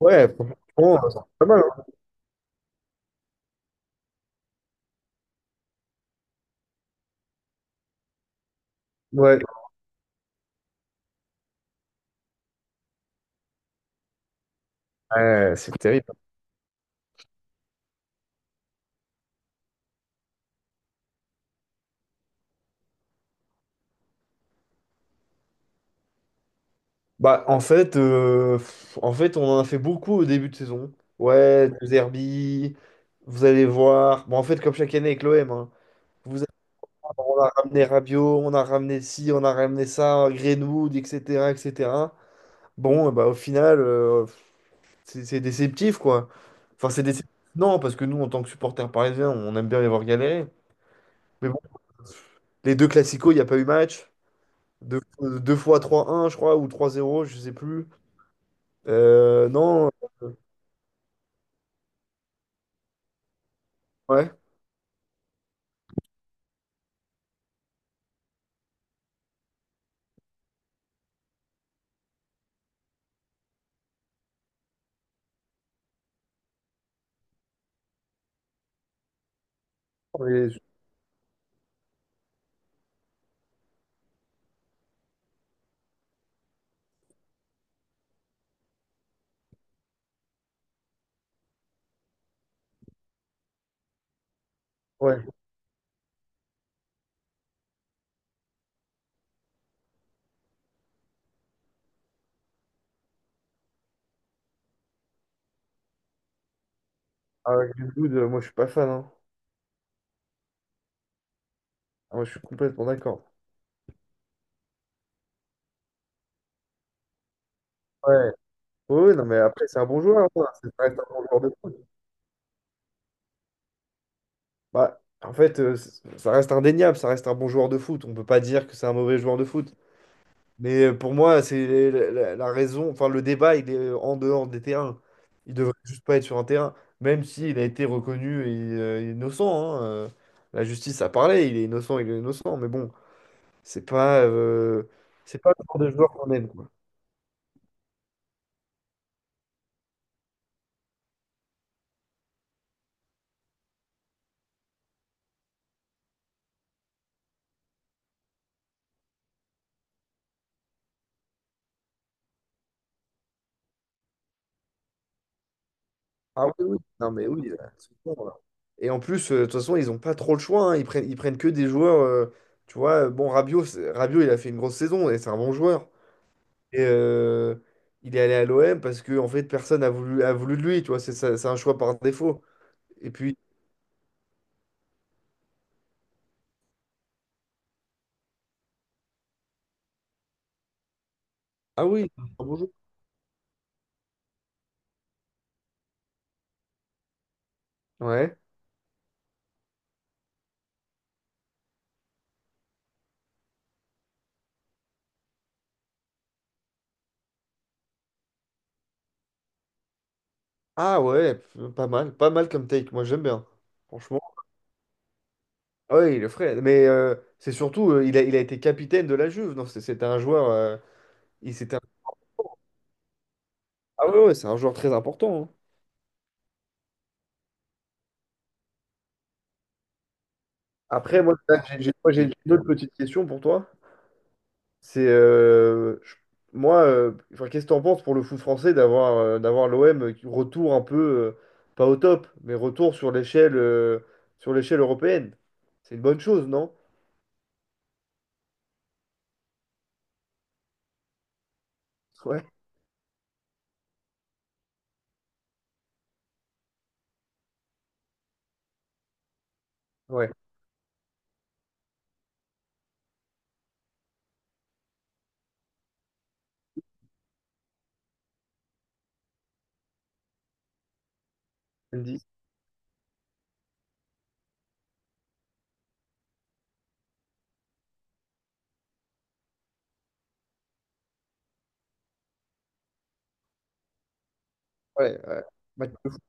Ouais, franchement, c'est pas mal. Hein. Ouais, ouais, c'est terrible. Bah, en fait, en fait, on en a fait beaucoup au début de saison. Ouais, deux Herbie, vous allez voir. Bon, en fait, comme chaque année avec l'OM, hein. vous, on a ramené Rabiot, on a ramené ci, on a ramené ça, Greenwood, etc., etc. Bon, eh bah, au final, c'est déceptif, quoi. Enfin, c'est déceptif. Non, parce que nous, en tant que supporters parisiens, on aime bien les voir galérer. Mais bon, les deux classicos, il n'y a pas eu match. Deux fois 3-1 je crois, ou 3-0 je sais plus. Non, euh, ouais. Mais ouais. Avec Greenwood, moi, je suis pas fan. Hein. Ah, moi, je suis complètement d'accord. Ouais. Oui, non, mais après, c'est un bon joueur. Hein. Ça reste un bon joueur de foot. Bah, en fait, ça reste indéniable. Ça reste un bon joueur de foot. On peut pas dire que c'est un mauvais joueur de foot. Mais pour moi, c'est la raison. Enfin, le débat, il est en dehors des terrains. Il devrait juste pas être sur un terrain, même s'il a été reconnu et, innocent. Hein, la justice a parlé, il est innocent, il est innocent. Mais bon, c'est pas, euh, c'est pas le genre de joueur qu'on aime, quoi. Ah oui, oui. Non, mais oui. Là, c'est bon, là. Et en plus, de toute façon, ils n'ont pas trop le choix. Hein. Ils prennent que des joueurs. Tu vois, bon, Rabiot, il a fait une grosse saison et c'est un bon joueur. Et, il est allé à l'OM parce que en fait personne a voulu de lui, tu vois, c'est un choix par défaut. Et puis ah oui, ah, bonjour. Ouais. Ah ouais, pas mal, pas mal comme take, moi j'aime bien. Franchement. Ah ouais, il est frais, mais c'est surtout il a été capitaine de la Juve. Non, c'était un joueur. Il c'était un- Ah ouais, ouais, c'est un joueur très important. Hein. Après moi là, j'ai une autre petite question pour toi. C'est euh, je- enfin, qu'est-ce que t'en penses pour le foot français d'avoir, d'avoir l'OM qui retour un peu, euh, pas au top, mais retour sur l'échelle, sur l'échelle européenne. C'est une bonne chose, non? Ouais, ouais. Tu me dis. Ouais, ouais. Match de foot,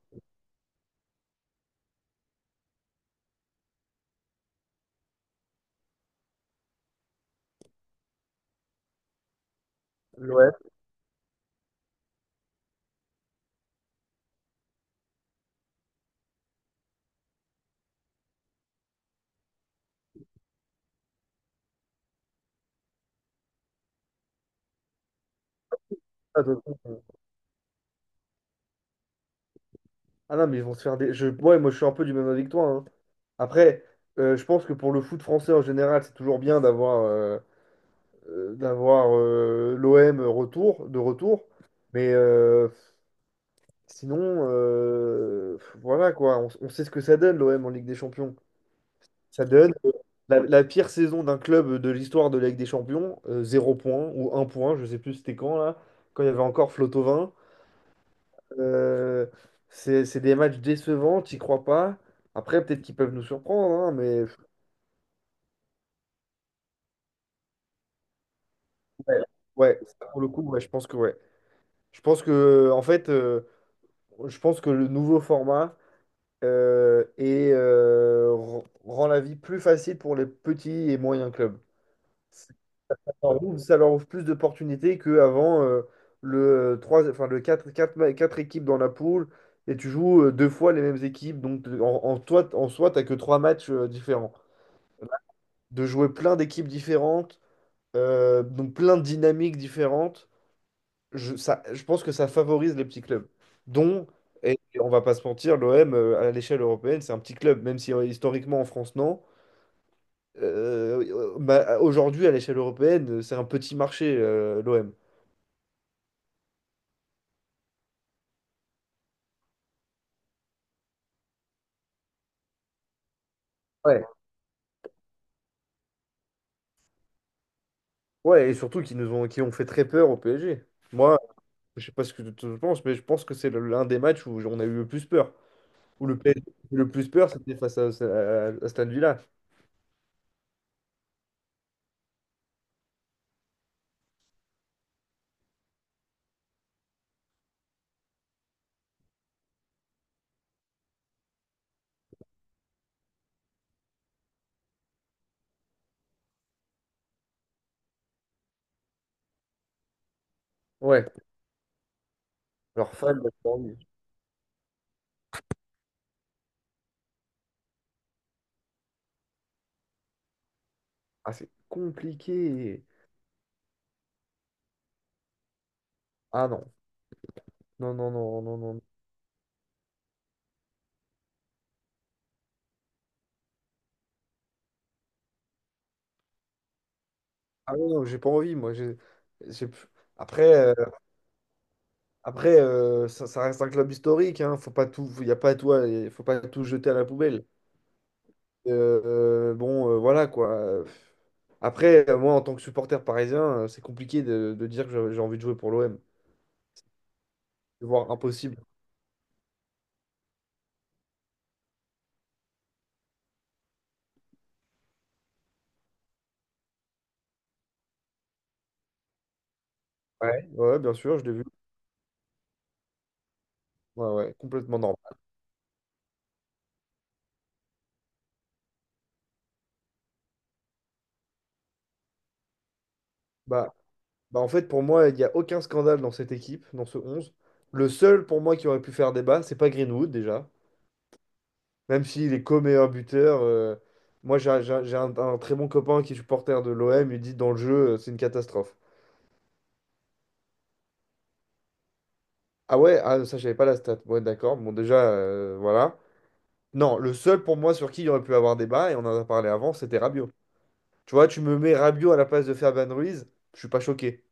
l'OM, ça, de toute façon, ah non, mais ils vont se faire des. Je... Ouais, moi je suis un peu du même avis que toi. Hein. Après, je pense que pour le foot français en général, c'est toujours bien d'avoir l'OM de retour. Mais sinon, voilà quoi, on sait ce que ça donne l'OM en Ligue des Champions. Ça donne la pire saison d'un club de l'histoire de la Ligue des Champions, 0 point ou 1 point, je sais plus c'était quand là, quand il y avait encore Flotovin. Euh, c'est des matchs décevants, t'y crois pas. Après, peut-être qu'ils peuvent nous surprendre, hein, mais ouais, ouais, ça, pour le coup, ouais, je pense que ouais. Je pense que en fait, je pense que le nouveau format, rend la vie plus facile pour les petits et moyens clubs. Ça leur ouvre plus d'opportunités qu'avant, le quatre équipes dans la poule et tu joues, deux fois les mêmes équipes. Donc en soi, tu que trois matchs, différents. De jouer plein d'équipes différentes, donc plein de dynamiques différentes. Je pense que ça favorise les petits clubs, dont, et on va pas se mentir, l'OM, à l'échelle européenne, c'est un petit club, même si historiquement en France, non. Bah, aujourd'hui, à l'échelle européenne, c'est un petit marché, l'OM. Ouais. Ouais, et surtout qui ont fait très peur au PSG. Moi, je sais pas ce que tu en penses, mais je pense que c'est l'un des matchs où on a eu le plus peur. Où le PSG a eu le plus peur, c'était face à Aston Villa. Ouais, leurs fans, leurs envies. Ah, c'est compliqué. Ah non, non, non, non, non, non. Non. Ah ouais, non, j'ai pas envie, moi. J'ai- Après, ça reste un club historique, hein. Faut pas tout jeter à la poubelle. Euh, bon, voilà quoi. Après, moi, en tant que supporter parisien, c'est compliqué de dire que j'ai envie de jouer pour l'OM. C'est voire impossible. Ouais, ouais, bien sûr, je l'ai vu. Ouais, ouais, complètement normal. Bah, bah, en fait, pour moi, il n'y a aucun scandale dans cette équipe, dans ce 11. Le seul, pour moi, qui aurait pu faire débat, c'est pas Greenwood, déjà. Même s'il est co-meilleur buteur, moi j'ai un très bon copain qui est supporter de l'OM, il dit dans le jeu, c'est une catastrophe. Ah ouais, ah, ça j'avais pas la stat. Ouais, d'accord, bon déjà, voilà. Non, le seul pour moi sur qui il y aurait pu avoir débat, et on en a parlé avant, c'était Rabiot. Tu vois, tu me mets Rabiot à la place de Fabian Ruiz, je suis pas choqué.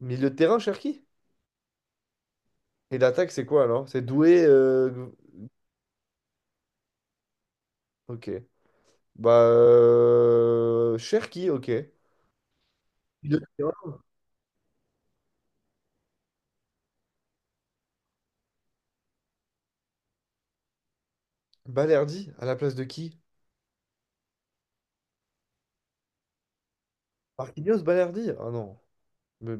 Milieu de terrain, Cherki? Et l'attaque, c'est quoi alors? C'est Doué. Ok. Bah. Cherki, ok. Milieu de terrain. Balerdi, à la place de qui? Marquinhos, Balerdi? Ah non. Mais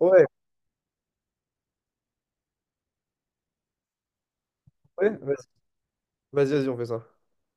ouais, ouais, vas-y, vas-y, vas-y, on fait ça.